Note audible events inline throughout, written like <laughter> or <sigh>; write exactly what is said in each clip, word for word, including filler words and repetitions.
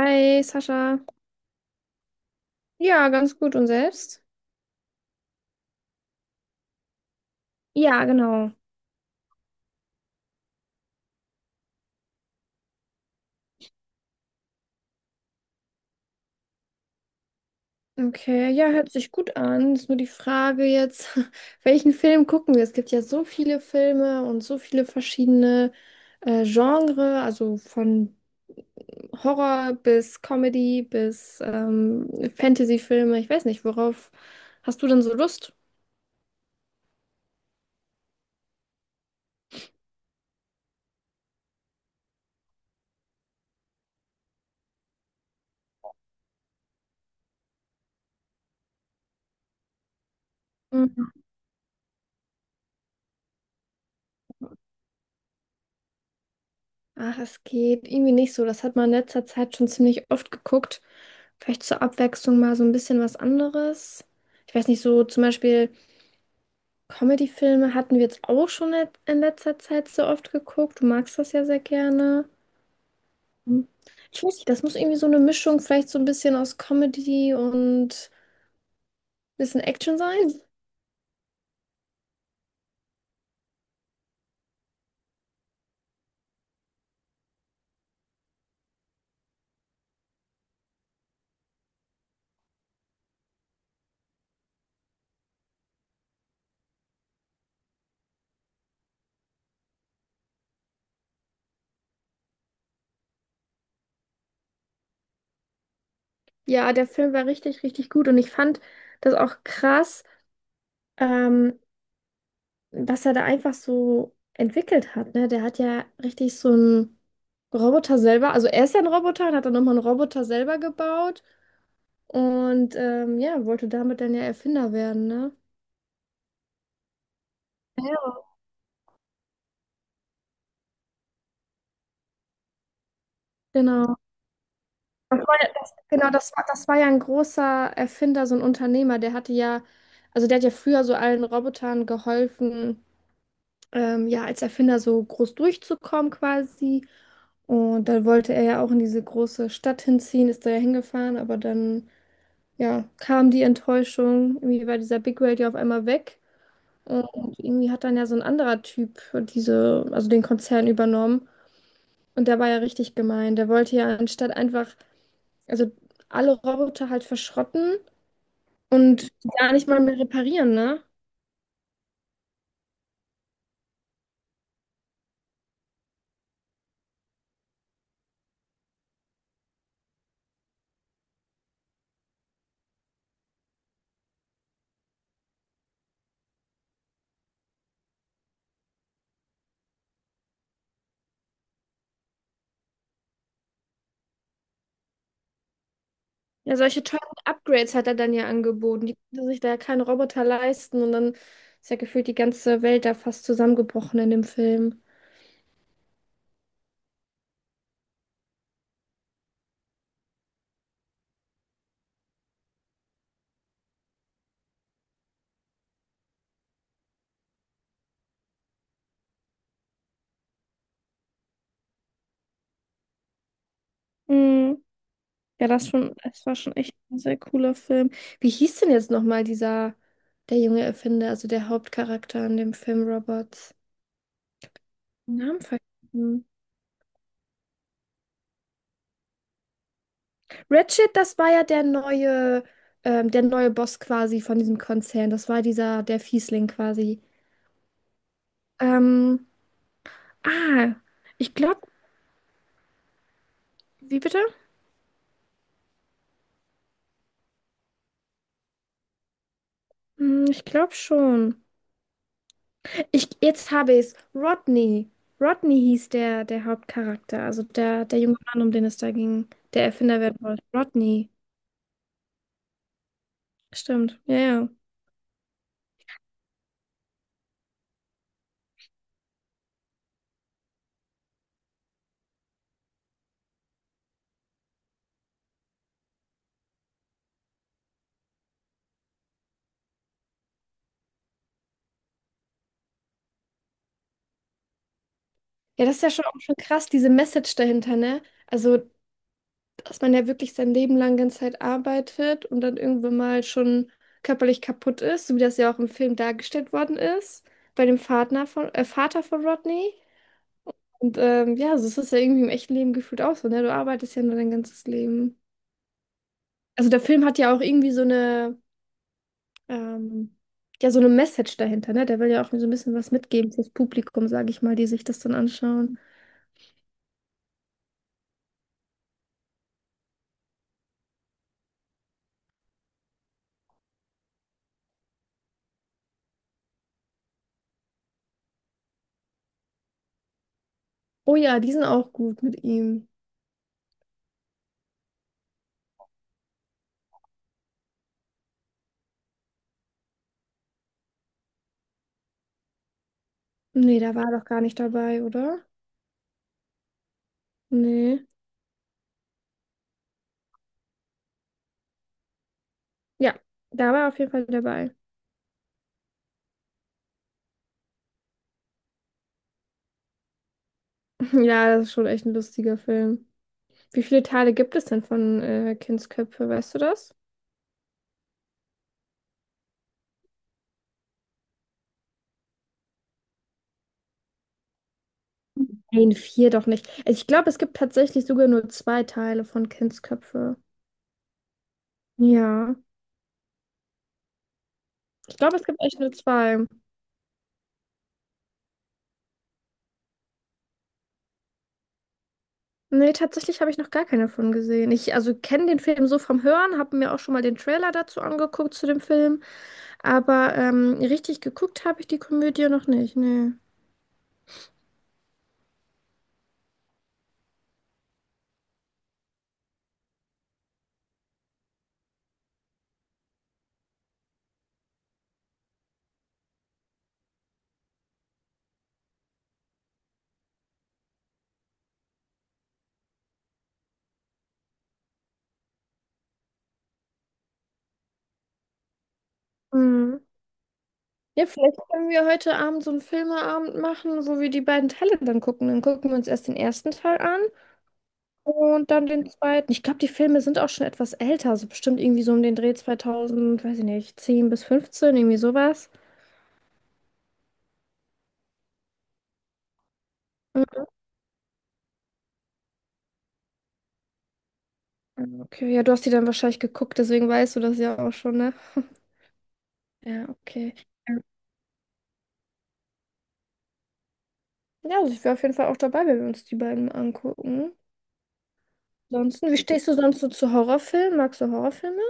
Hi, Sascha. Ja, ganz gut. Und selbst? Ja, genau. Okay, ja, hört sich gut an. Ist nur die Frage jetzt, <laughs> welchen Film gucken wir? Es gibt ja so viele Filme und so viele verschiedene äh, Genre, also von Horror bis Comedy bis ähm, Fantasy-Filme. Ich weiß nicht, worauf hast du denn so Lust? Ach, es geht irgendwie nicht so. Das hat man in letzter Zeit schon ziemlich oft geguckt. Vielleicht zur Abwechslung mal so ein bisschen was anderes. Ich weiß nicht, so zum Beispiel Comedy-Filme hatten wir jetzt auch schon let- in letzter Zeit so oft geguckt. Du magst das ja sehr gerne. Hm. Ich weiß nicht, das muss irgendwie so eine Mischung, vielleicht so ein bisschen aus Comedy und ein bisschen Action sein. Ja, der Film war richtig, richtig gut und ich fand das auch krass. Ähm, was er da einfach so entwickelt hat, ne? Der hat ja richtig so einen Roboter selber, also er ist ja ein Roboter und hat dann nochmal einen Roboter selber gebaut und ähm, ja, wollte damit dann ja Erfinder werden, ne? Ja. Genau. Das war ja, das, genau, das war, das war ja ein großer Erfinder, so ein Unternehmer, der hatte ja, also der hat ja früher so allen Robotern geholfen, ähm, ja, als Erfinder so groß durchzukommen quasi. Und dann wollte er ja auch in diese große Stadt hinziehen, ist da ja hingefahren, aber dann ja, kam die Enttäuschung. Irgendwie war dieser Big Whale ja auf einmal weg. Und irgendwie hat dann ja so ein anderer Typ diese, also den Konzern übernommen. Und der war ja richtig gemein. Der wollte ja anstatt einfach, also alle Roboter halt verschrotten und gar nicht mal mehr reparieren, ne? Ja, solche teuren Upgrades hat er dann ja angeboten. Die konnten sich da ja keinen Roboter leisten. Und dann ist ja gefühlt die ganze Welt da fast zusammengebrochen in dem Film. Mm. Ja, das schon, es war schon echt ein sehr cooler Film. Wie hieß denn jetzt nochmal dieser, der junge Erfinder, also der Hauptcharakter in dem Film Robots? Den Namen vergessen. Ratchet, das war ja der neue, ähm, der neue Boss quasi von diesem Konzern. Das war dieser, der Fiesling quasi. Ähm, ah, ich glaube, wie bitte? Hm, ich glaube schon. Ich, jetzt habe ich es. Rodney. Rodney hieß der, der Hauptcharakter, also der, der junge Mann, um den es da ging, der Erfinder werden wollte. Rodney. Stimmt, ja, ja. Ja, das ist ja schon auch schon krass, diese Message dahinter, ne? Also, dass man ja wirklich sein Leben lang ganze Zeit arbeitet und dann irgendwann mal schon körperlich kaputt ist, so wie das ja auch im Film dargestellt worden ist, bei dem Vater von, äh, Vater von Rodney. Und ähm, ja, so ist es ja irgendwie im echten Leben gefühlt auch so, ne? Du arbeitest ja nur dein ganzes Leben. Also der Film hat ja auch irgendwie so eine, ähm, ja, so eine Message dahinter, ne? Der will ja auch so ein bisschen was mitgeben fürs Publikum, sage ich mal, die sich das dann anschauen. Oh ja, die sind auch gut mit ihm. Nee, da war er doch gar nicht dabei, oder? Nee. Ja, da war er auf jeden Fall dabei. <laughs> Ja, das ist schon echt ein lustiger Film. Wie viele Teile gibt es denn von äh, Kindsköpfe, weißt du das? Nein, vier doch nicht. Also ich glaube, es gibt tatsächlich sogar nur zwei Teile von Kindsköpfe. Ja, ich glaube, es gibt echt nur zwei. Nee, tatsächlich habe ich noch gar keine von gesehen. Ich also kenne den Film so vom Hören, habe mir auch schon mal den Trailer dazu angeguckt zu dem Film. Aber ähm, richtig geguckt habe ich die Komödie noch nicht, nee. Hm. Ja, vielleicht können wir heute Abend so einen Filmeabend machen, wo wir die beiden Teile dann gucken. Dann gucken wir uns erst den ersten Teil an und dann den zweiten. Ich glaube, die Filme sind auch schon etwas älter, so bestimmt irgendwie so um den Dreh zweitausend, weiß ich nicht, zehn bis fünfzehn irgendwie sowas. Mhm. Okay, ja, du hast die dann wahrscheinlich geguckt, deswegen weißt du das ja auch schon, ne? <laughs> Ja, okay. Ja, also ich wäre auf jeden Fall auch dabei, wenn wir uns die beiden angucken. Ansonsten, wie stehst du sonst so zu Horrorfilmen? Magst du Horrorfilme?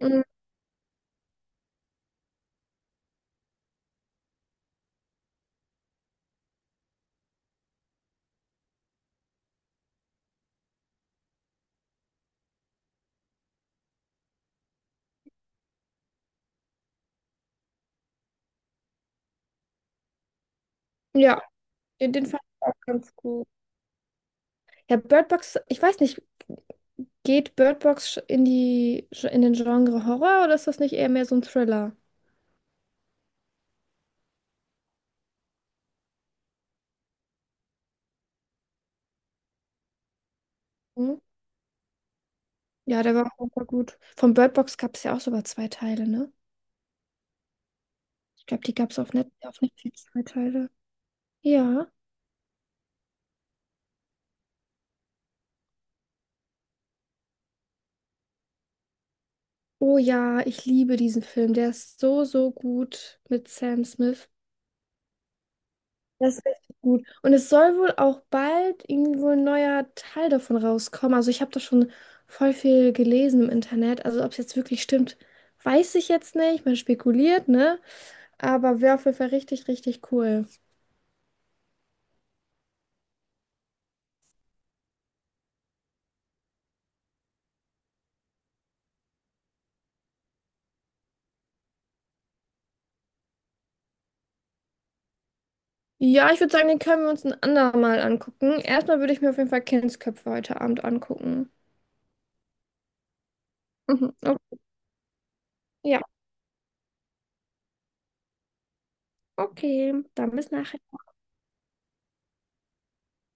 Mm, Ja, den, den fand ich auch ganz gut. Ja, Bird Box, ich weiß nicht, geht Bird Box in die, in den Genre Horror oder ist das nicht eher mehr so ein Thriller? Hm? Ja, der war auch super gut. Von Bird Box gab es ja auch sogar zwei Teile, ne? Ich glaube, die gab es auf Net auf Netflix zwei Teile. Ja. Oh ja, ich liebe diesen Film. Der ist so, so gut mit Sam Smith. Das ist richtig gut. Und es soll wohl auch bald irgendwo ein neuer Teil davon rauskommen. Also ich habe da schon voll viel gelesen im Internet. Also ob es jetzt wirklich stimmt, weiß ich jetzt nicht. Man spekuliert, ne? Aber wäre auf jeden Fall richtig, richtig cool. Ja, ich würde sagen, den können wir uns ein andermal angucken. Erstmal würde ich mir auf jeden Fall Kindsköpfe heute Abend angucken. Mhm. Okay. Ja, okay. Dann bis nachher.